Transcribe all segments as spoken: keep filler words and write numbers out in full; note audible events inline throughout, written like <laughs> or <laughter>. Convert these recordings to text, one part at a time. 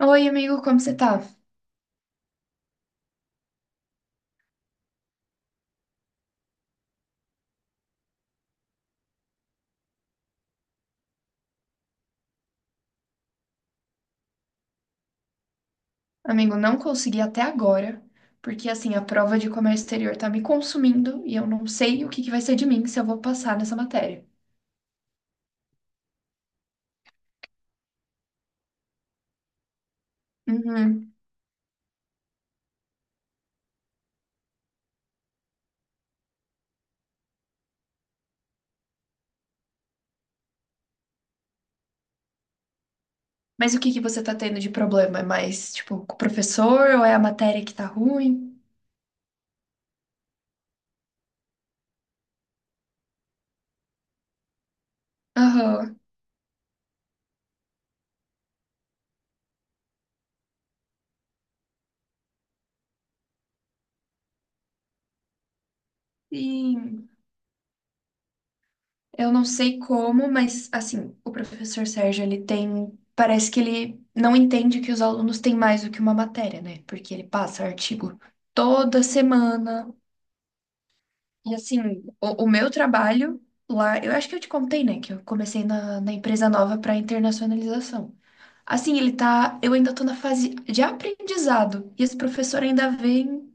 Oi, amigo, como você tá? Amigo, não consegui até agora, porque assim, a prova de comércio exterior tá me consumindo e eu não sei o que que vai ser de mim se eu vou passar nessa matéria. Uhum. Mas o que que você tá tendo de problema? É mais, tipo, com o professor ou é a matéria que tá ruim? Aham. Sim, eu não sei como, mas assim, o professor Sérgio, ele tem, parece que ele não entende que os alunos têm mais do que uma matéria, né? Porque ele passa artigo toda semana. E assim, o, o meu trabalho lá, eu acho que eu te contei, né, que eu comecei na, na empresa nova para internacionalização. Assim, ele tá, eu ainda tô na fase de aprendizado e esse professor ainda vem,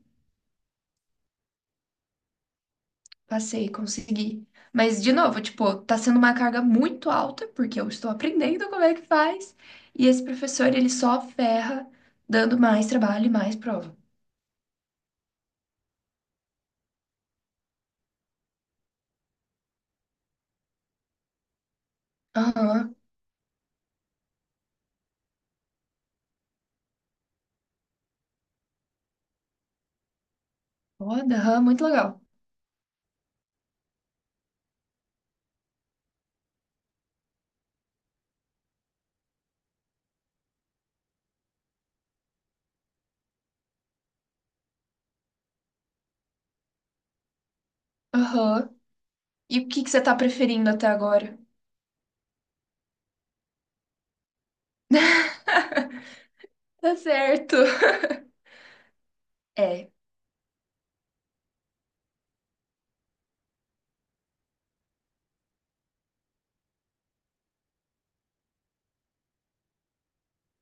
passei, consegui. Mas de novo, tipo, tá sendo uma carga muito alta porque eu estou aprendendo como é que faz e esse professor ele só ferra dando mais trabalho e mais prova. Aham. Foda, aham, muito legal. Aham. E o que que você tá preferindo até agora? <laughs> Tá certo. É.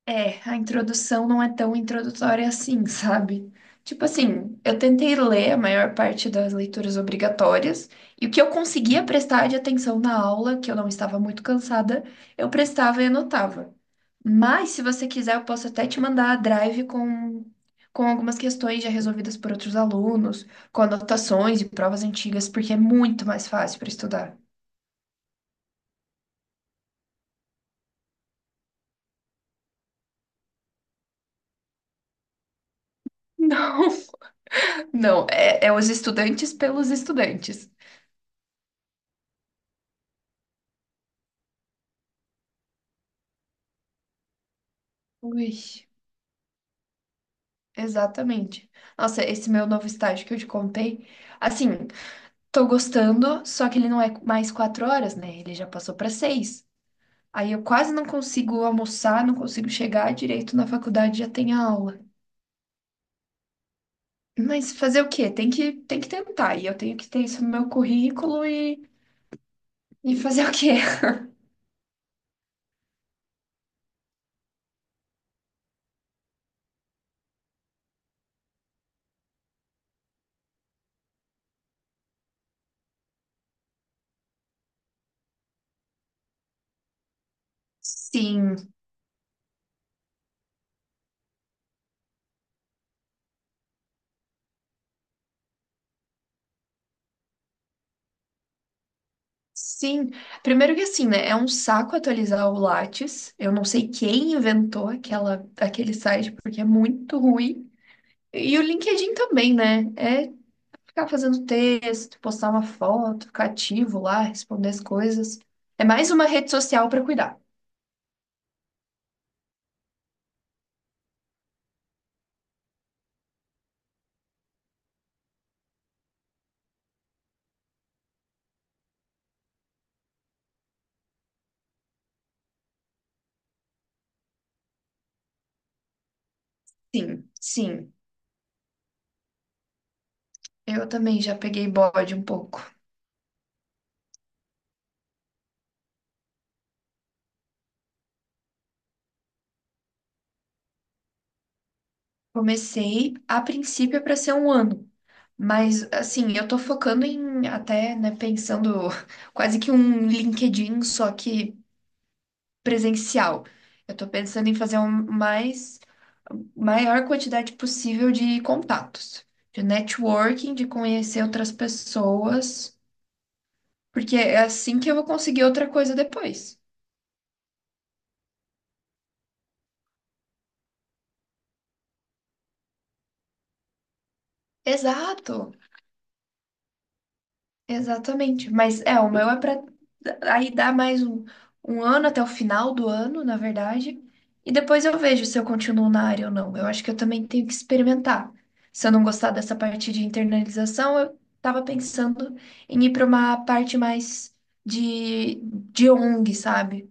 É, a introdução não é tão introdutória assim, sabe? Tipo assim, eu tentei ler a maior parte das leituras obrigatórias, e o que eu conseguia prestar de atenção na aula, que eu não estava muito cansada, eu prestava e anotava. Mas, se você quiser, eu posso até te mandar a drive com, com algumas questões já resolvidas por outros alunos, com anotações e provas antigas, porque é muito mais fácil para estudar. <laughs> Não, não, é, é os estudantes pelos estudantes. Ui. Exatamente. Nossa, esse meu novo estágio que eu te contei, assim, tô gostando, só que ele não é mais quatro horas, né? Ele já passou pra seis. Aí eu quase não consigo almoçar, não consigo chegar direito na faculdade, já tem aula. Mas fazer o quê? Tem que, tem que tentar. E eu tenho que ter isso no meu currículo e, e fazer o quê? Sim, sim. Primeiro que assim, né? É um saco atualizar o Lattes. Eu não sei quem inventou aquela, aquele site, porque é muito ruim. E o LinkedIn também, né? É ficar fazendo texto, postar uma foto, ficar ativo lá, responder as coisas. É mais uma rede social para cuidar. Sim, sim. Eu também já peguei bode um pouco. Comecei a princípio para ser um ano, mas assim, eu tô focando em até, né, pensando <laughs> quase que um LinkedIn, só que presencial. Eu estou pensando em fazer um mais maior quantidade possível de contatos, de networking, de conhecer outras pessoas, porque é assim que eu vou conseguir outra coisa depois. Exato. Exatamente. Mas é, o meu é para aí dar mais um, um ano até o final do ano, na verdade. E depois eu vejo se eu continuo na área ou não. Eu acho que eu também tenho que experimentar. Se eu não gostar dessa parte de internalização, eu tava pensando em ir para uma parte mais de, de ONG, sabe?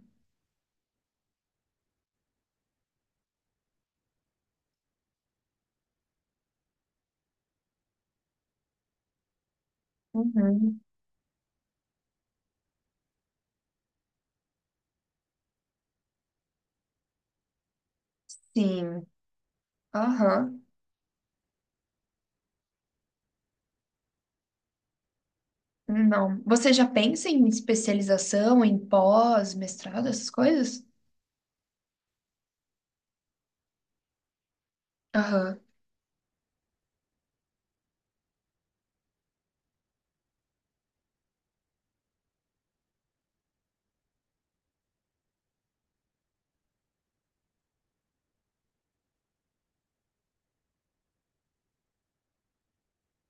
Uhum, sim. Aham. Não. Você já pensa em especialização, em pós, mestrado, essas coisas? Aham.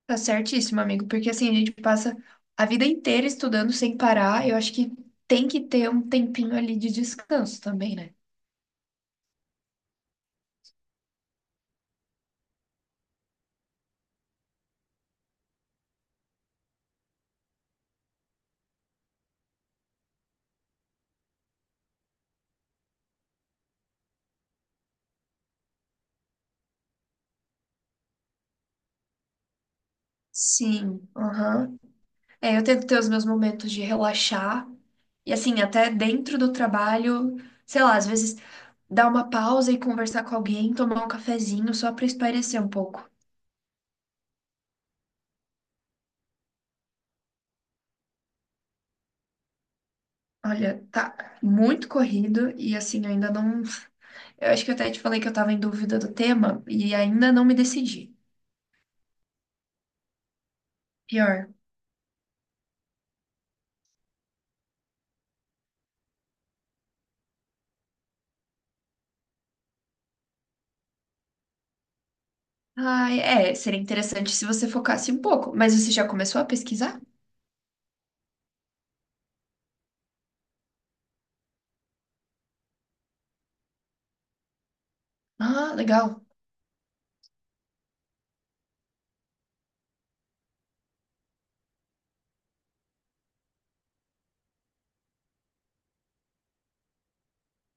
Tá certíssimo, amigo, porque assim, a gente passa a vida inteira estudando sem parar. Eu acho que tem que ter um tempinho ali de descanso também, né? Sim, aham. É, eu tento ter os meus momentos de relaxar. E assim, até dentro do trabalho, sei lá, às vezes dar uma pausa e conversar com alguém, tomar um cafezinho só pra espairecer um pouco. Olha, tá muito corrido e assim, eu ainda não. Eu acho que eu até te falei que eu tava em dúvida do tema e ainda não me decidi. Pior. Ai, é, seria interessante se você focasse um pouco. Mas você já começou a pesquisar? Ah, legal.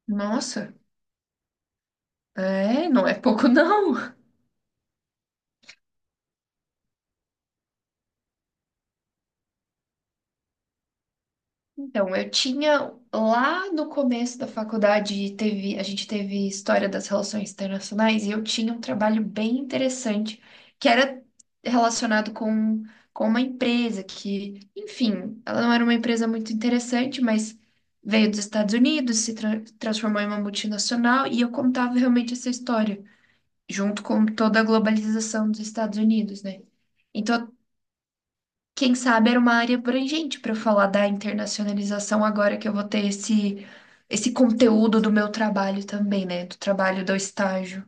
Nossa, é, não é pouco <laughs> não. Então, eu tinha lá no começo da faculdade, teve, a gente teve história das relações internacionais e eu tinha um trabalho bem interessante que era relacionado com, com uma empresa que, enfim, ela não era uma empresa muito interessante, mas veio dos Estados Unidos, se tra- transformou em uma multinacional e eu contava realmente essa história, junto com toda a globalização dos Estados Unidos, né? Então, quem sabe era uma área abrangente para eu falar da internacionalização agora que eu vou ter esse esse conteúdo do meu trabalho também, né? Do trabalho do estágio.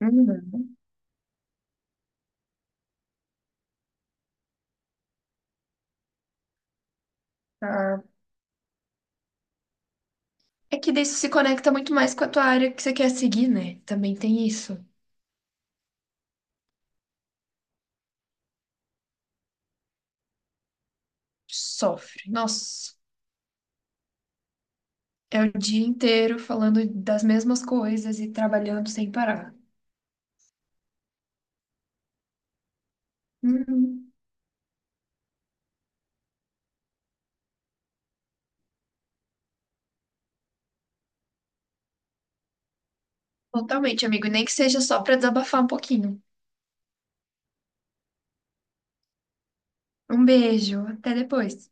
Uhum, tá. É que daí isso se conecta muito mais com a tua área que você quer seguir, né? Também tem isso. Sofre. Nossa, é o dia inteiro falando das mesmas coisas e trabalhando sem parar. Uhum, totalmente, amigo. E nem que seja só para desabafar um pouquinho. Um beijo, até depois.